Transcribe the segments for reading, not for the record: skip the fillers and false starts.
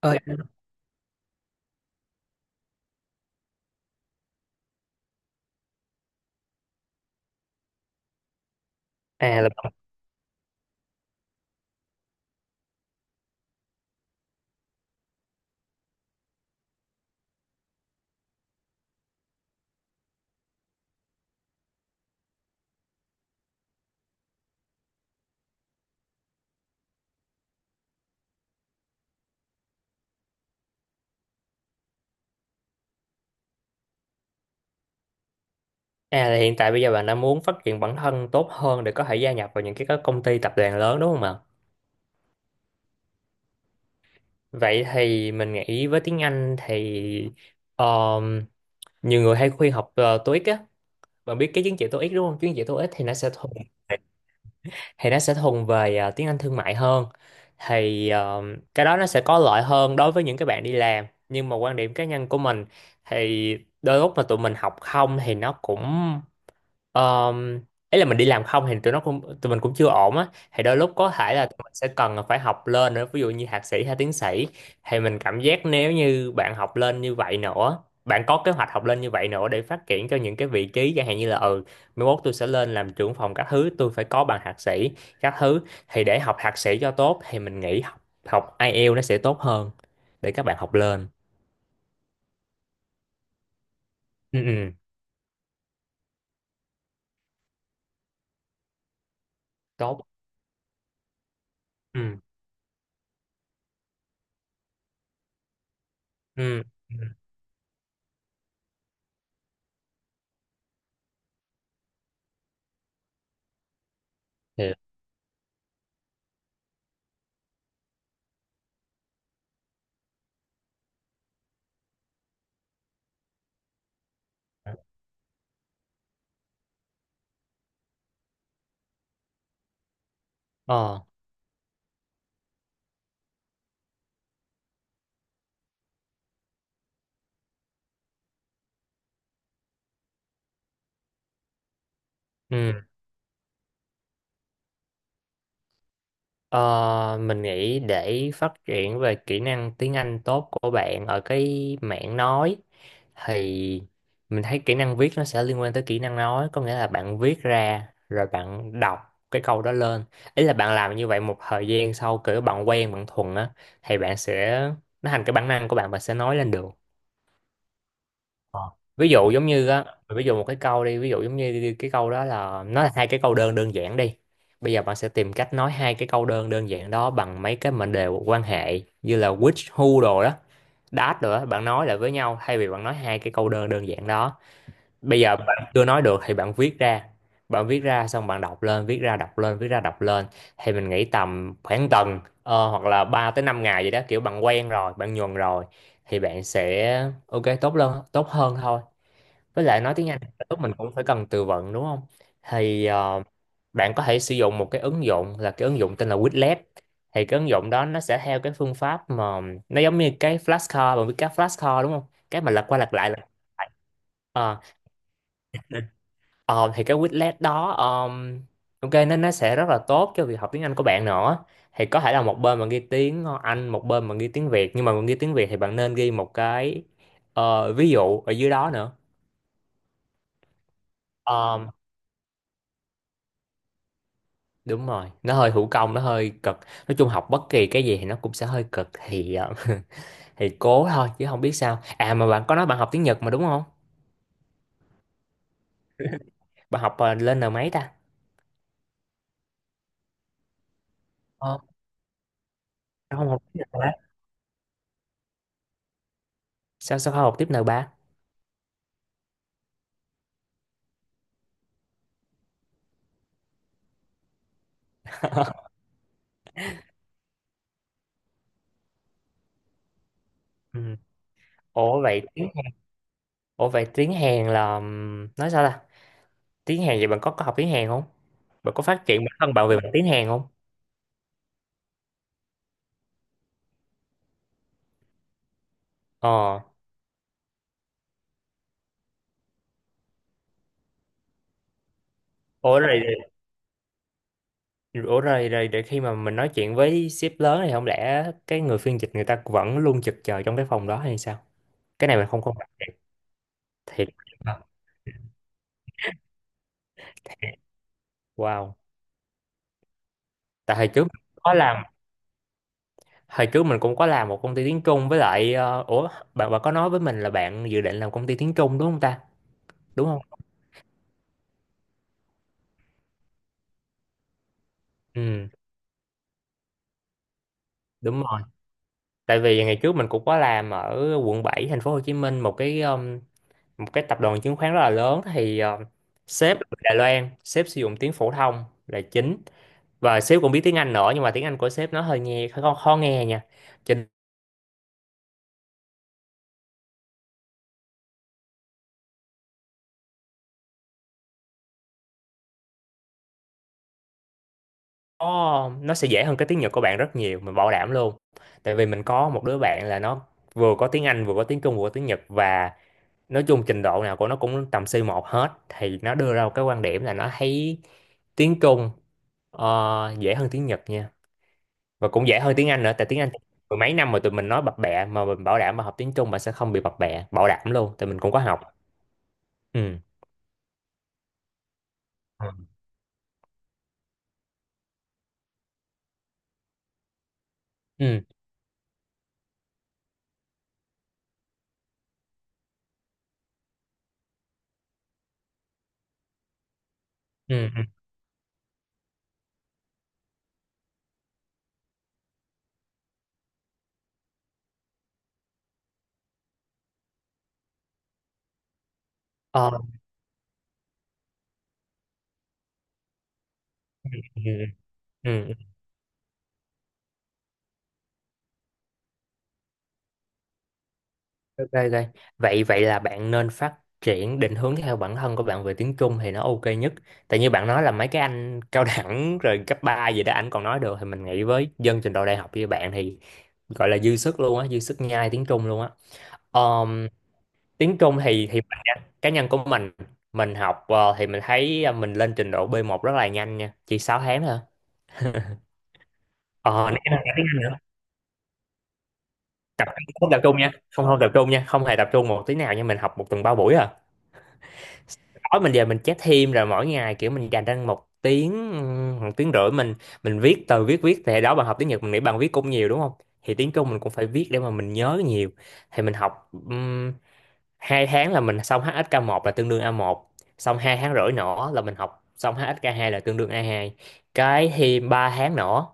Ơi, à là à là hiện tại bây giờ bạn đã muốn phát triển bản thân tốt hơn để có thể gia nhập vào những cái các công ty tập đoàn lớn đúng không ạ? Vậy thì mình nghĩ với tiếng Anh thì um, nhiều người hay khuyên học TOEIC á, bạn biết cái chứng chỉ TOEIC đúng không? Chứng chỉ TOEIC thì nó sẽ thuần về tiếng Anh thương mại hơn. Thì cái đó nó sẽ có lợi hơn đối với những cái bạn đi làm, nhưng mà quan điểm cá nhân của mình thì đôi lúc mà tụi mình học không thì nó cũng Um, ấy là mình đi làm không thì tụi mình cũng chưa ổn á. Thì đôi lúc có thể là tụi mình sẽ cần phải học lên nữa, ví dụ như thạc sĩ hay tiến sĩ. Thì mình cảm giác nếu như bạn học lên như vậy nữa, bạn có kế hoạch học lên như vậy nữa để phát triển cho những cái vị trí chẳng hạn như là ừ, mai mốt tôi sẽ lên làm trưởng phòng các thứ, tôi phải có bằng thạc sĩ các thứ. Thì để học thạc sĩ cho tốt thì mình nghĩ học học IELTS nó sẽ tốt hơn để các bạn học lên. Ừ, ừ, tốt. Ừ, ừ, ừ. Hiểu. Ờ, ừ. Ờ, mình nghĩ để phát triển về kỹ năng tiếng Anh tốt của bạn ở cái mảng nói thì mình thấy kỹ năng viết nó sẽ liên quan tới kỹ năng nói, có nghĩa là bạn viết ra rồi bạn đọc cái câu đó lên. Ý là bạn làm như vậy một thời gian sau kiểu bạn quen bạn thuần á, thì bạn sẽ nó thành cái bản năng của bạn, bạn sẽ nói lên được. Ờ. Ví dụ giống như á, ví dụ một cái câu đi, ví dụ giống như cái câu đó là nó là hai cái câu đơn đơn giản đi, bây giờ bạn sẽ tìm cách nói hai cái câu đơn đơn giản đó bằng mấy cái mệnh đề quan hệ như là which, who đồ đó, that đồ đó, bạn nói lại với nhau thay vì bạn nói hai cái câu đơn đơn giản đó. Bây giờ bạn chưa nói được thì bạn viết ra, bạn viết ra xong bạn đọc lên, viết ra đọc lên, viết ra đọc lên. Thì mình nghĩ tầm khoảng tuần hoặc là 3 tới 5 ngày vậy đó, kiểu bạn quen rồi bạn nhuần rồi thì bạn sẽ ok, tốt hơn thôi. Với lại nói tiếng Anh lúc mình cũng phải cần từ vựng đúng không, thì bạn có thể sử dụng một cái ứng dụng là cái ứng dụng tên là Quizlet. Thì cái ứng dụng đó nó sẽ theo cái phương pháp mà nó giống như cái flashcard, bạn biết cái flashcard đúng không, cái mà lật qua lật lại lật lại. Ờ, thì cái Quizlet đó ok, nên nó sẽ rất là tốt cho việc học tiếng Anh của bạn nữa. Thì có thể là một bên mà ghi tiếng Anh, một bên mà ghi tiếng Việt, nhưng mà mình ghi tiếng Việt thì bạn nên ghi một cái ví dụ ở dưới đó nữa. Ờm, đúng rồi, nó hơi thủ công, nó hơi cực. Nói chung học bất kỳ cái gì thì nó cũng sẽ hơi cực thì thì cố thôi chứ không biết sao. À mà bạn có nói bạn học tiếng Nhật mà đúng không, bạn học lên N mấy ta? Ờ, sao không học tiếng Nhật hả? Sao sao không học tiếp N ba? Ừ. Ủa vậy, ủa vậy tiếng Hàn là, nói sao ta? Tiếng Hàn vậy bạn có học tiếng Hàn không? Bạn có phát triển bản thân bạn về mặt tiếng Hàn không? Ờ. Ủa rồi, ủa rồi, rồi để khi mà mình nói chuyện với sếp lớn thì không lẽ cái người phiên dịch người ta vẫn luôn trực chờ trong cái phòng đó hay sao? Cái này mình không không thiệt. Wow. Tại hồi trước mình có làm, hồi trước mình cũng có làm một công ty tiếng Trung với lại ủa, bạn bạn có nói với mình là bạn dự định làm công ty tiếng Trung đúng không ta? Đúng không? Ừ, đúng rồi. Tại vì ngày trước mình cũng có làm ở quận 7 thành phố Hồ Chí Minh một cái tập đoàn chứng khoán rất là lớn. Thì sếp là người Đài Loan, sếp sử dụng tiếng phổ thông là chính, và sếp cũng biết tiếng Anh nữa, nhưng mà tiếng Anh của sếp nó hơi nghe hơi khó, khó nghe nha. Cho nên nó sẽ dễ hơn cái tiếng Nhật của bạn rất nhiều, mình bảo đảm luôn. Tại vì mình có một đứa bạn là nó vừa có tiếng Anh vừa có tiếng Trung vừa có tiếng Nhật, và nói chung trình độ nào của nó cũng tầm C1 hết, thì nó đưa ra một cái quan điểm là nó thấy tiếng Trung, ờ, dễ hơn tiếng Nhật nha, và cũng dễ hơn tiếng Anh nữa. Tại tiếng Anh mười mấy năm mà tụi mình nói bập bẹ, mà mình bảo đảm mà học tiếng Trung bạn sẽ không bị bập bẹ, bảo đảm luôn tại mình cũng có học. Ừ ừ ừ ừ ừ. Ờ, ừ ừ ừ. Ừ. Ok ok, vậy vậy là bạn nên phát triển định hướng theo bản thân của bạn về tiếng Trung thì nó ok nhất. Tại như bạn nói là mấy cái anh cao đẳng rồi cấp 3 gì đó anh còn nói được, thì mình nghĩ với dân trình độ đại học như bạn thì gọi là dư sức luôn á, dư sức nhai tiếng Trung luôn á. Ờ, tiếng Trung thì cá nhân của mình học thì mình thấy mình lên trình độ B1 rất là nhanh nha, chỉ 6 tháng thôi. Ờ nãy là tiếng Anh nữa. Tập không tập trung nha, không không tập trung nha, không hề tập trung một tí nào nha. Mình học một tuần ba buổi à, tối mình về mình chép thêm, rồi mỗi ngày kiểu mình dành ra một tiếng rưỡi mình viết từ viết viết thì đó, bạn học tiếng Nhật mình nghĩ bạn viết cũng nhiều đúng không, thì tiếng Trung mình cũng phải viết để mà mình nhớ nhiều. Thì mình học hai tháng là mình xong HSK 1, là tương đương A1. Xong hai tháng rưỡi nữa là mình học xong HSK 2, là tương đương A2. Cái thì ba tháng nữa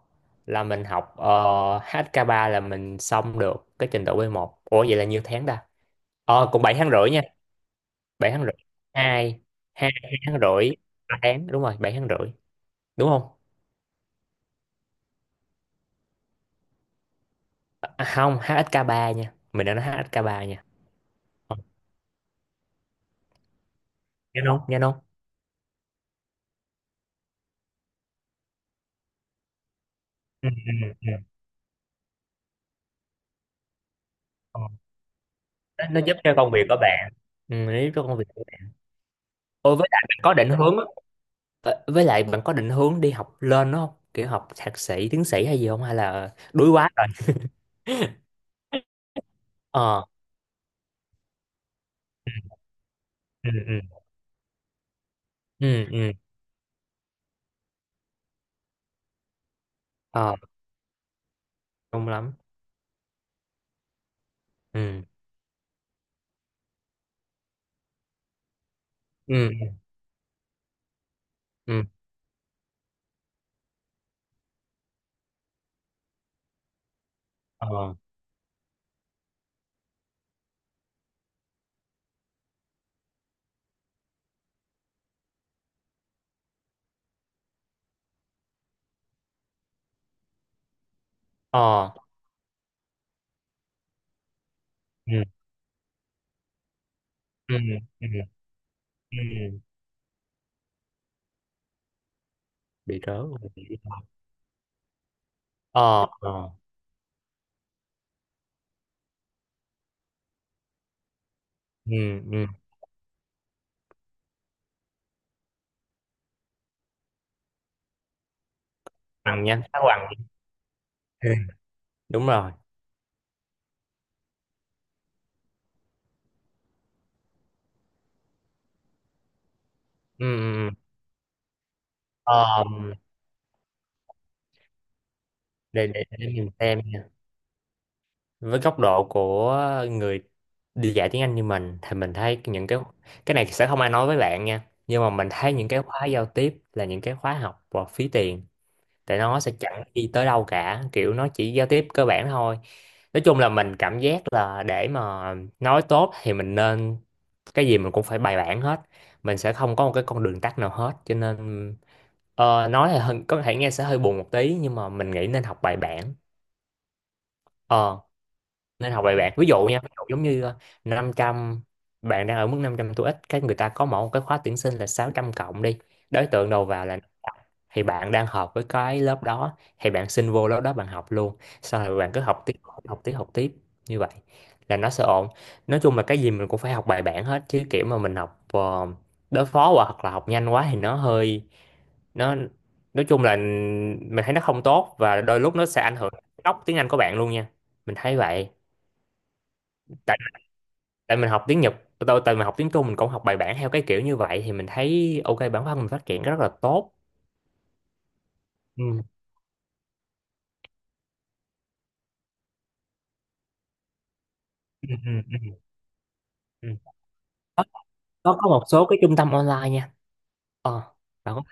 là mình học HSK 3 là mình xong được cái trình độ B1. Ủa vậy là nhiêu tháng ta, ờ cũng 7 tháng rưỡi nha. Bảy tháng rưỡi, hai, hai tháng rưỡi, ba tháng, đúng rồi, bảy tháng rưỡi đúng không. À, không HSK ba nha, mình đã nói HSK ba nha. Ờ, nhớ không, nhớ không. Ừ, ừ, ừ. Ờ, nó giúp cho công việc của bạn, ừ, nó giúp cho công việc. Ôi với lại bạn có định hướng á, với lại bạn có định hướng đi học lên đúng không? Kiểu học thạc sĩ, tiến sĩ hay gì không? Hay là đuối quá rồi? Ờ, ừ, ừ, ừ, ừ, ờ, đúng lắm. Ừ, ừ, ừ, ờ, ờ, ừ, ừ, ừ, ừ, bị rớ. Bị- ờ, ờ, ừ, ừ, bằng nha, khá bằng. Ừ, đúng rồi. Ừ, ừ, ừ. Ờ, để mình xem. Với góc độ của người đi dạy tiếng Anh như mình thì mình thấy những cái này sẽ không ai nói với bạn nha, nhưng mà mình thấy những cái khóa giao tiếp là những cái khóa học và phí tiền. Tại nó sẽ chẳng đi tới đâu cả, kiểu nó chỉ giao tiếp cơ bản thôi. Nói chung là mình cảm giác là để mà nói tốt thì mình nên, cái gì mình cũng phải bài bản hết, mình sẽ không có một cái con đường tắt nào hết. Cho nên nói là hơi- có thể nghe sẽ hơi buồn một tí, nhưng mà mình nghĩ nên học bài bản. Ờ, nên học bài bạc, ví dụ nha, ví dụ giống như năm trăm, bạn đang ở mức 500 TOEIC, cái người ta có mỗi một cái khóa tuyển sinh là 600 cộng đi, đối tượng đầu vào là 500. Thì bạn đang hợp với cái lớp đó thì bạn xin vô lớp đó, bạn học luôn, sau rồi bạn cứ học tiếp, học tiếp, học tiếp như vậy là nó sẽ ổn. Nói chung là cái gì mình cũng phải học bài bản hết, chứ kiểu mà mình học đối phó quá hoặc là học nhanh quá thì nó hơi, nó, nói chung là mình thấy nó không tốt, và đôi lúc nó sẽ ảnh hưởng đến gốc tiếng Anh của bạn luôn nha. Mình thấy vậy. Tại, tại mình học tiếng Nhật, tôi tại mình học tiếng Trung mình cũng học bài bản theo cái kiểu như vậy thì mình thấy ok, bản thân mình phát triển rất là tốt. Ừ. Ừ, ừ, ừ, ừ. Có, có một số cái trung tâm online nha. Ờ bạn có.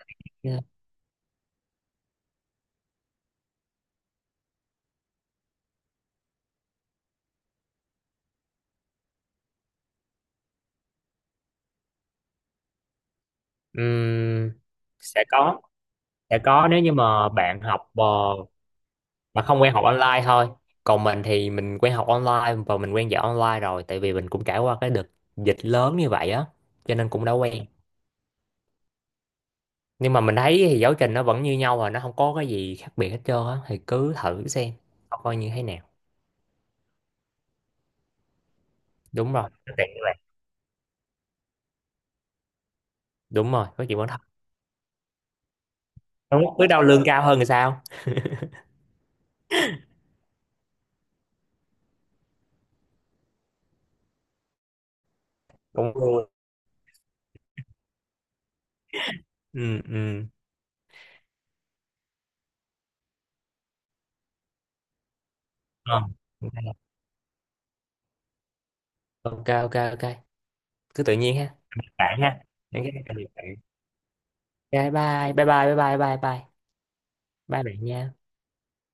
Ừm, sẽ có, sẽ có nếu như mà bạn học mà không quen học online thôi. Còn mình thì mình quen học online và mình quen dạy online rồi, tại vì mình cũng trải qua cái đợt dịch lớn như vậy á, cho nên cũng đã quen. Nhưng mà mình thấy thì giáo trình nó vẫn như nhau và nó không có cái gì khác biệt hết trơn á, thì cứ thử xem coi như thế nào. Đúng rồi nó tiện như vậy. Đúng rồi có chuyện bản thân. Đúng cứ đâu lương cao hơn thì sao. Cũng vui. Ừ. Ừ. Ờ, ok ok ok, cứ tự nhiên ha bạn ha, những cái, bye bye bye bye bye bye bye bye, bye bạn nha.